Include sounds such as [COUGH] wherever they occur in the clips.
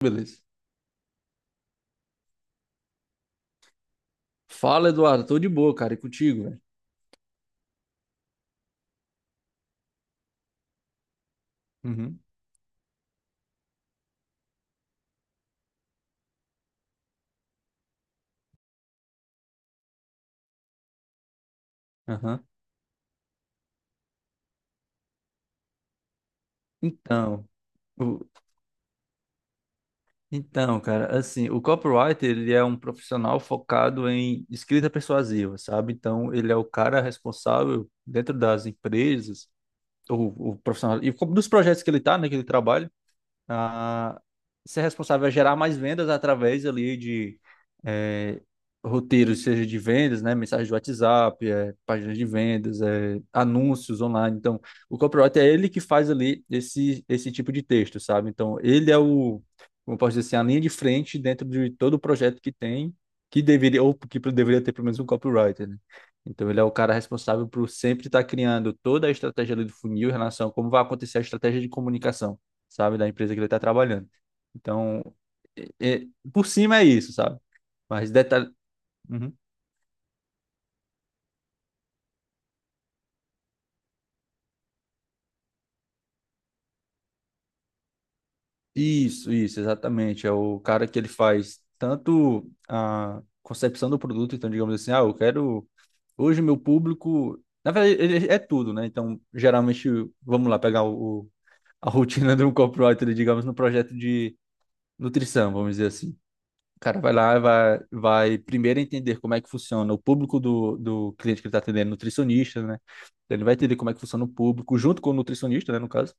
Beleza. Fala, Eduardo. Tô de boa, cara. E contigo, velho? Uhum, aham. Então, o- então, cara, assim, o copywriter, ele é um profissional focado em escrita persuasiva, sabe? Então, ele é o cara responsável dentro das empresas, ou o profissional, e dos projetos que ele tá, né, que ele trabalha, a ser responsável a gerar mais vendas através ali de é, roteiros, seja de vendas, né, mensagem de WhatsApp, páginas de vendas, anúncios online. Então, o copywriter é ele que faz ali esse tipo de texto, sabe? Então, ele é o, como eu posso dizer assim, a linha de frente dentro de todo o projeto que tem, que deveria, ou que deveria ter pelo menos um copywriter, né? Então, ele é o cara responsável por sempre estar criando toda a estratégia ali do funil em relação a como vai acontecer a estratégia de comunicação, sabe, da empresa que ele está trabalhando. Então, é- é- por cima é isso, sabe? Mas detalhe. Uhum. Isso, exatamente. É o cara que ele faz tanto a concepção do produto, então, digamos assim, ah, eu quero. Hoje, meu público. Na verdade, ele é tudo, né? Então, geralmente, vamos lá pegar a rotina [LAUGHS] de um copywriter, digamos, no projeto de nutrição, vamos dizer assim. O cara vai lá, vai, vai primeiro entender como é que funciona o público do cliente que ele está atendendo, nutricionista, né? Então, ele vai entender como é que funciona o público, junto com o nutricionista, né, no caso,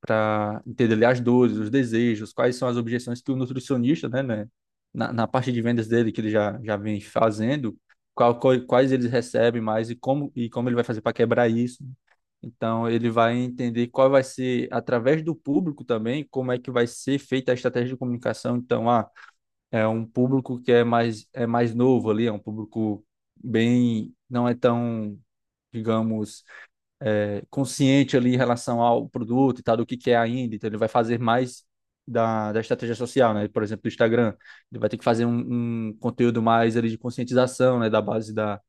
para entender ali as dores, os desejos, quais são as objeções que o nutricionista, né, na, na parte de vendas dele, que ele já, já vem fazendo, quais eles recebem mais como ele vai fazer para quebrar isso. Então, ele vai entender qual vai ser, através do público também, como é que vai ser feita a estratégia de comunicação. Então, ah, é um público que é mais novo ali, é um público bem, não é tão, digamos, consciente ali em relação ao produto e tal, do que é ainda, então ele vai fazer mais da estratégia social, né? Por exemplo, do Instagram, ele vai ter que fazer um conteúdo mais ali de conscientização, né? Da base da,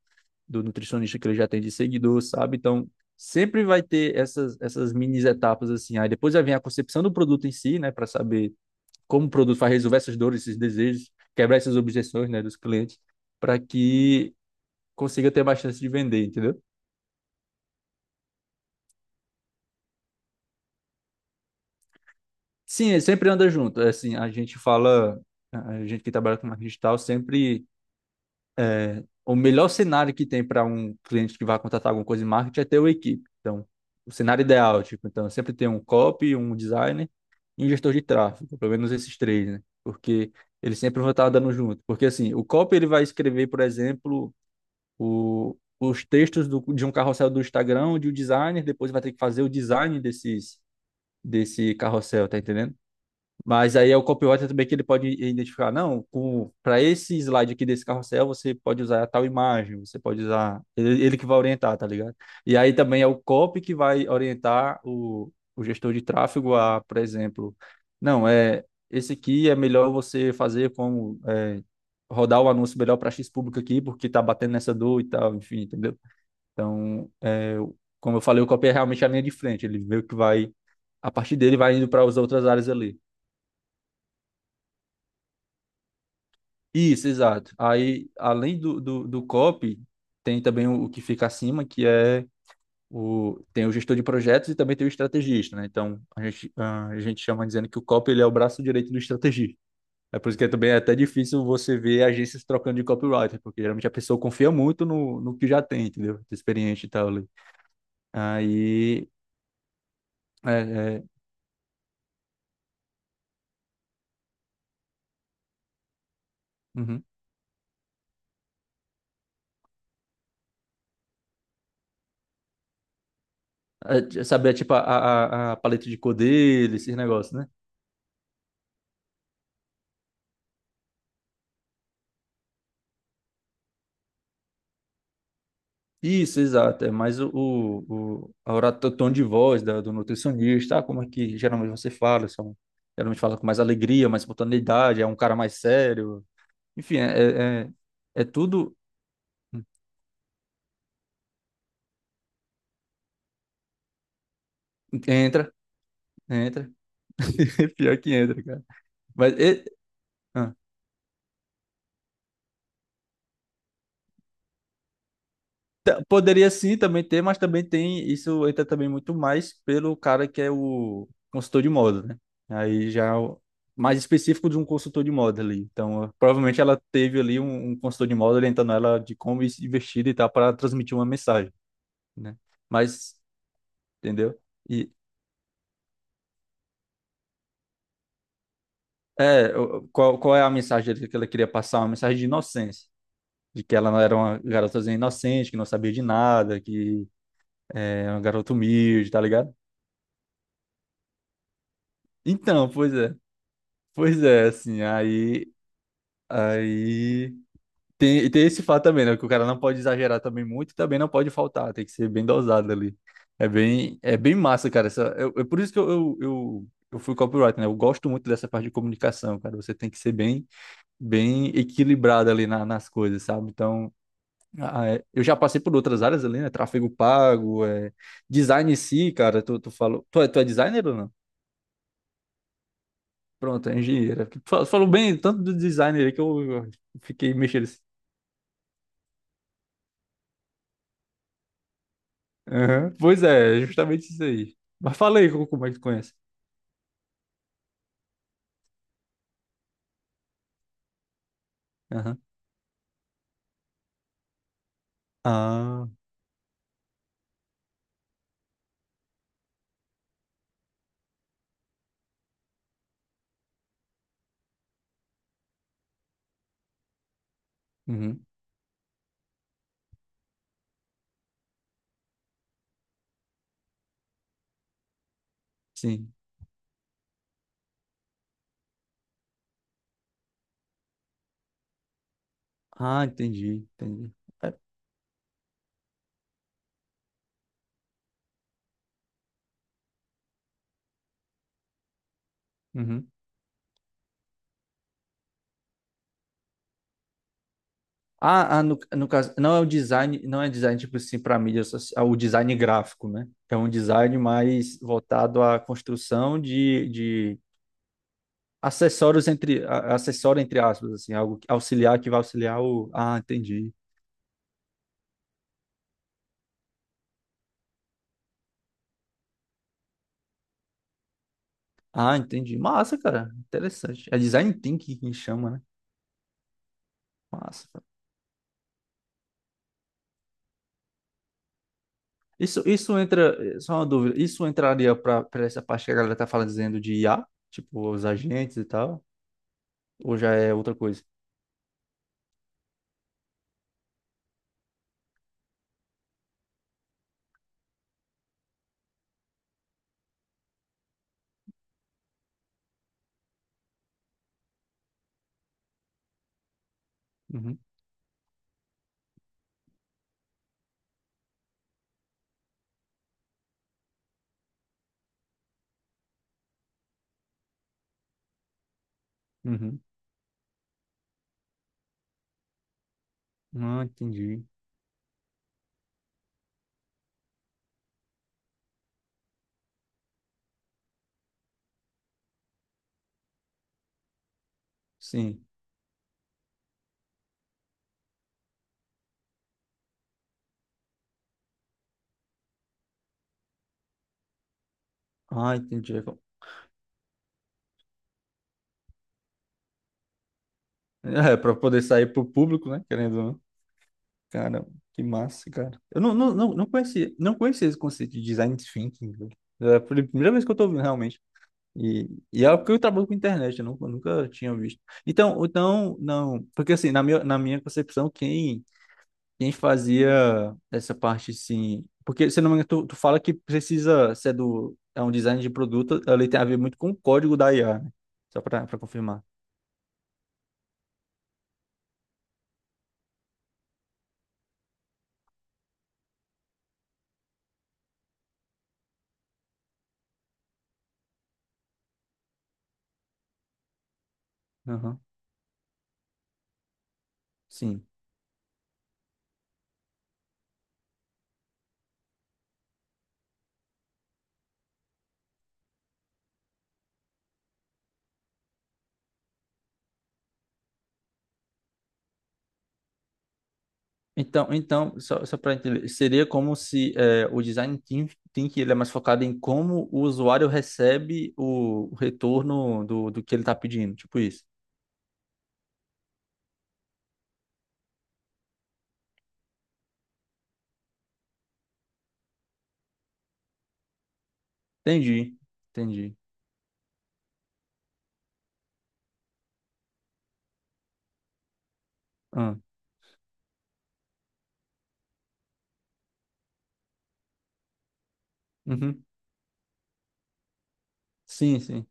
do nutricionista que ele já tem de seguidor, sabe? Então, sempre vai ter essas mini etapas assim, aí depois já vem a concepção do produto em si, né? Para saber como o produto vai resolver essas dores, esses desejos, quebrar essas objeções, né, dos clientes, para que consiga ter mais chance de vender, entendeu? Sim, é, sempre anda junto. Assim, a gente fala, a gente que trabalha com marketing digital, sempre o melhor cenário que tem para um cliente que vai contratar alguma coisa em marketing é ter uma equipe. Então, o cenário ideal, tipo, então sempre tem um copy, um designer e um gestor de tráfego, pelo menos esses três, né? Porque eles sempre vão estar andando junto. Porque assim, o copy ele vai escrever, por exemplo, o, os textos do, de um carrossel do Instagram, de um designer, depois vai ter que fazer o design desses, desse carrossel, tá entendendo? Mas aí é o copywriter também que ele pode identificar, não, para esse slide aqui desse carrossel, você pode usar tal imagem, você pode usar. Ele que vai orientar, tá ligado? E aí também é o copy que vai orientar o gestor de tráfego a, por exemplo, não, esse aqui é melhor você fazer como é, rodar o anúncio melhor para X público aqui, porque tá batendo nessa dor e tal, enfim, entendeu? Então, é, como eu falei, o copy é realmente a linha de frente, ele meio que vai, a partir dele vai indo para as outras áreas ali. Isso, exato. Aí, além do copy, tem também o que fica acima, que é o, tem o gestor de projetos e também tem o estrategista, né? Então, a gente, ah, a gente chama dizendo que o copy ele é o braço direito do estrategista. É por isso que é também é até difícil você ver agências trocando de copywriter, porque geralmente a pessoa confia muito no, no que já tem, entendeu? De experiente e tal. Ali. Aí, é, é, uhum. É, saber, tipo, a paleta de cor dele, esses negócios, né? Isso, exato. É mais o tom de voz do nutricionista, ah, como é que geralmente você fala, são, geralmente fala com mais alegria, mais espontaneidade, é um cara mais sério. Enfim, é tudo. Entra, entra. [LAUGHS] Pior que entra, cara. Mas. E... ah. T- Poderia sim também ter, mas também tem. Isso entra também muito mais pelo cara que é o consultor de moda, né? Aí já é mais específico de um consultor de moda ali. Então, eh, provavelmente ela teve ali um consultor de moda orientando ela de como ir vestida e tal para transmitir uma mensagem, né? Mas, entendeu? E é, qual é a mensagem que ela queria passar? Uma mensagem de inocência. De que ela não era uma garotazinha inocente, que não sabia de nada, que é uma garota humilde, tá ligado? Então, pois é. Pois é, assim, aí, aí tem esse fato também, né? Que o cara não pode exagerar também muito e também não pode faltar, tem que ser bem dosado ali. É bem massa, cara. Essa, por isso que eu fui copyright, né? Eu gosto muito dessa parte de comunicação, cara. Você tem que ser bem, bem equilibrado ali nas coisas, sabe? Então, ah, eu já passei por outras áreas ali, né? Tráfego pago, design em si, cara. Tu falou, tu é designer ou não? Pronto, é engenheira. Falou bem tanto do designer aí que eu fiquei mexendo assim. Aham. Pois é, justamente isso aí. Mas fala aí como é que tu conhece. Aham. Ah, uhum. Sim. Ah, entendi, entendi. É, uhum. Ah, ah, no, no caso, não é o design, não é design tipo assim para mídia social, é o design gráfico, né? É um design mais voltado à construção de acessórios entre, acessório entre aspas, assim, algo que- auxiliar que vai auxiliar o. Ah, entendi. Ah, entendi. Massa, cara. Interessante. É design thinking que chama, né? Massa, cara. Isso entra, eh, só uma dúvida, isso entraria para essa parte que a galera tá falando dizendo de IA, tipo os agentes e tal, ou já é outra coisa? Uhum, uhum. Ah, entendi. Sim. Ah, entendi. É, para poder sair pro público, né? Querendo, ou não. Cara, que massa, cara. Eu não conhecia, não conhecia esse conceito de design thinking, velho. É a primeira vez que eu tô ouvindo, realmente. E, e é porque eu trabalho com internet, eu nunca, nunca tinha visto. Então, então, não, porque assim, na minha concepção, quem, quem fazia essa parte, assim, porque, se não me engano, tu fala que precisa ser do, é um design de produto, ele tem a ver muito com o código da IA, né? Só para confirmar. Aham, sim. Então, então, só, só para entender, seria como se é, o design thinking ele é mais focado em como o usuário recebe o retorno do, do que ele está pedindo, tipo isso. Entendi, entendi. Ah, uhum. Sim, sim.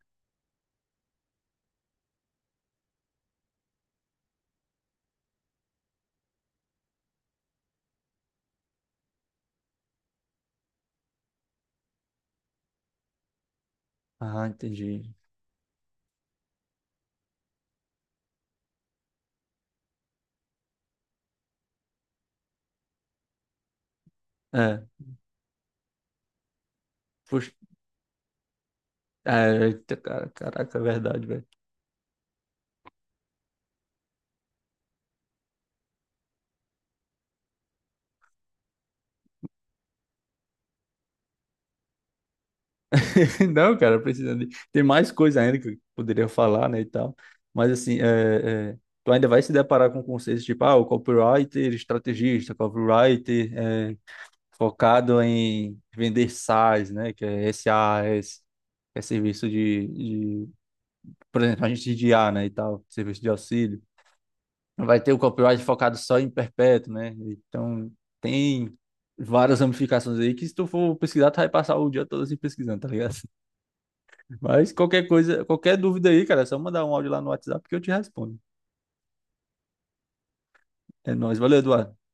Ah, entendi. É, puxa, eita, cara, caraca, é verdade, velho. [LAUGHS] Não, cara, precisa de... Tem mais coisa ainda que eu poderia falar, né, e tal. Mas, assim, tu ainda vai se deparar com conceitos tipo, ah, o copywriter estrategista, copywriter focado em vender SaaS, né, que é SaaS, que é serviço de, por exemplo, a gente de IA, né, e tal, serviço de auxílio. Vai ter o copyright focado só em perpétuo, né? Então, tem várias ramificações aí que se tu for pesquisar, tu vai passar o dia todo assim pesquisando, tá ligado? [LAUGHS] Mas qualquer coisa, qualquer dúvida aí, cara, é só mandar um áudio lá no WhatsApp que eu te respondo. É nóis. Valeu, Eduardo.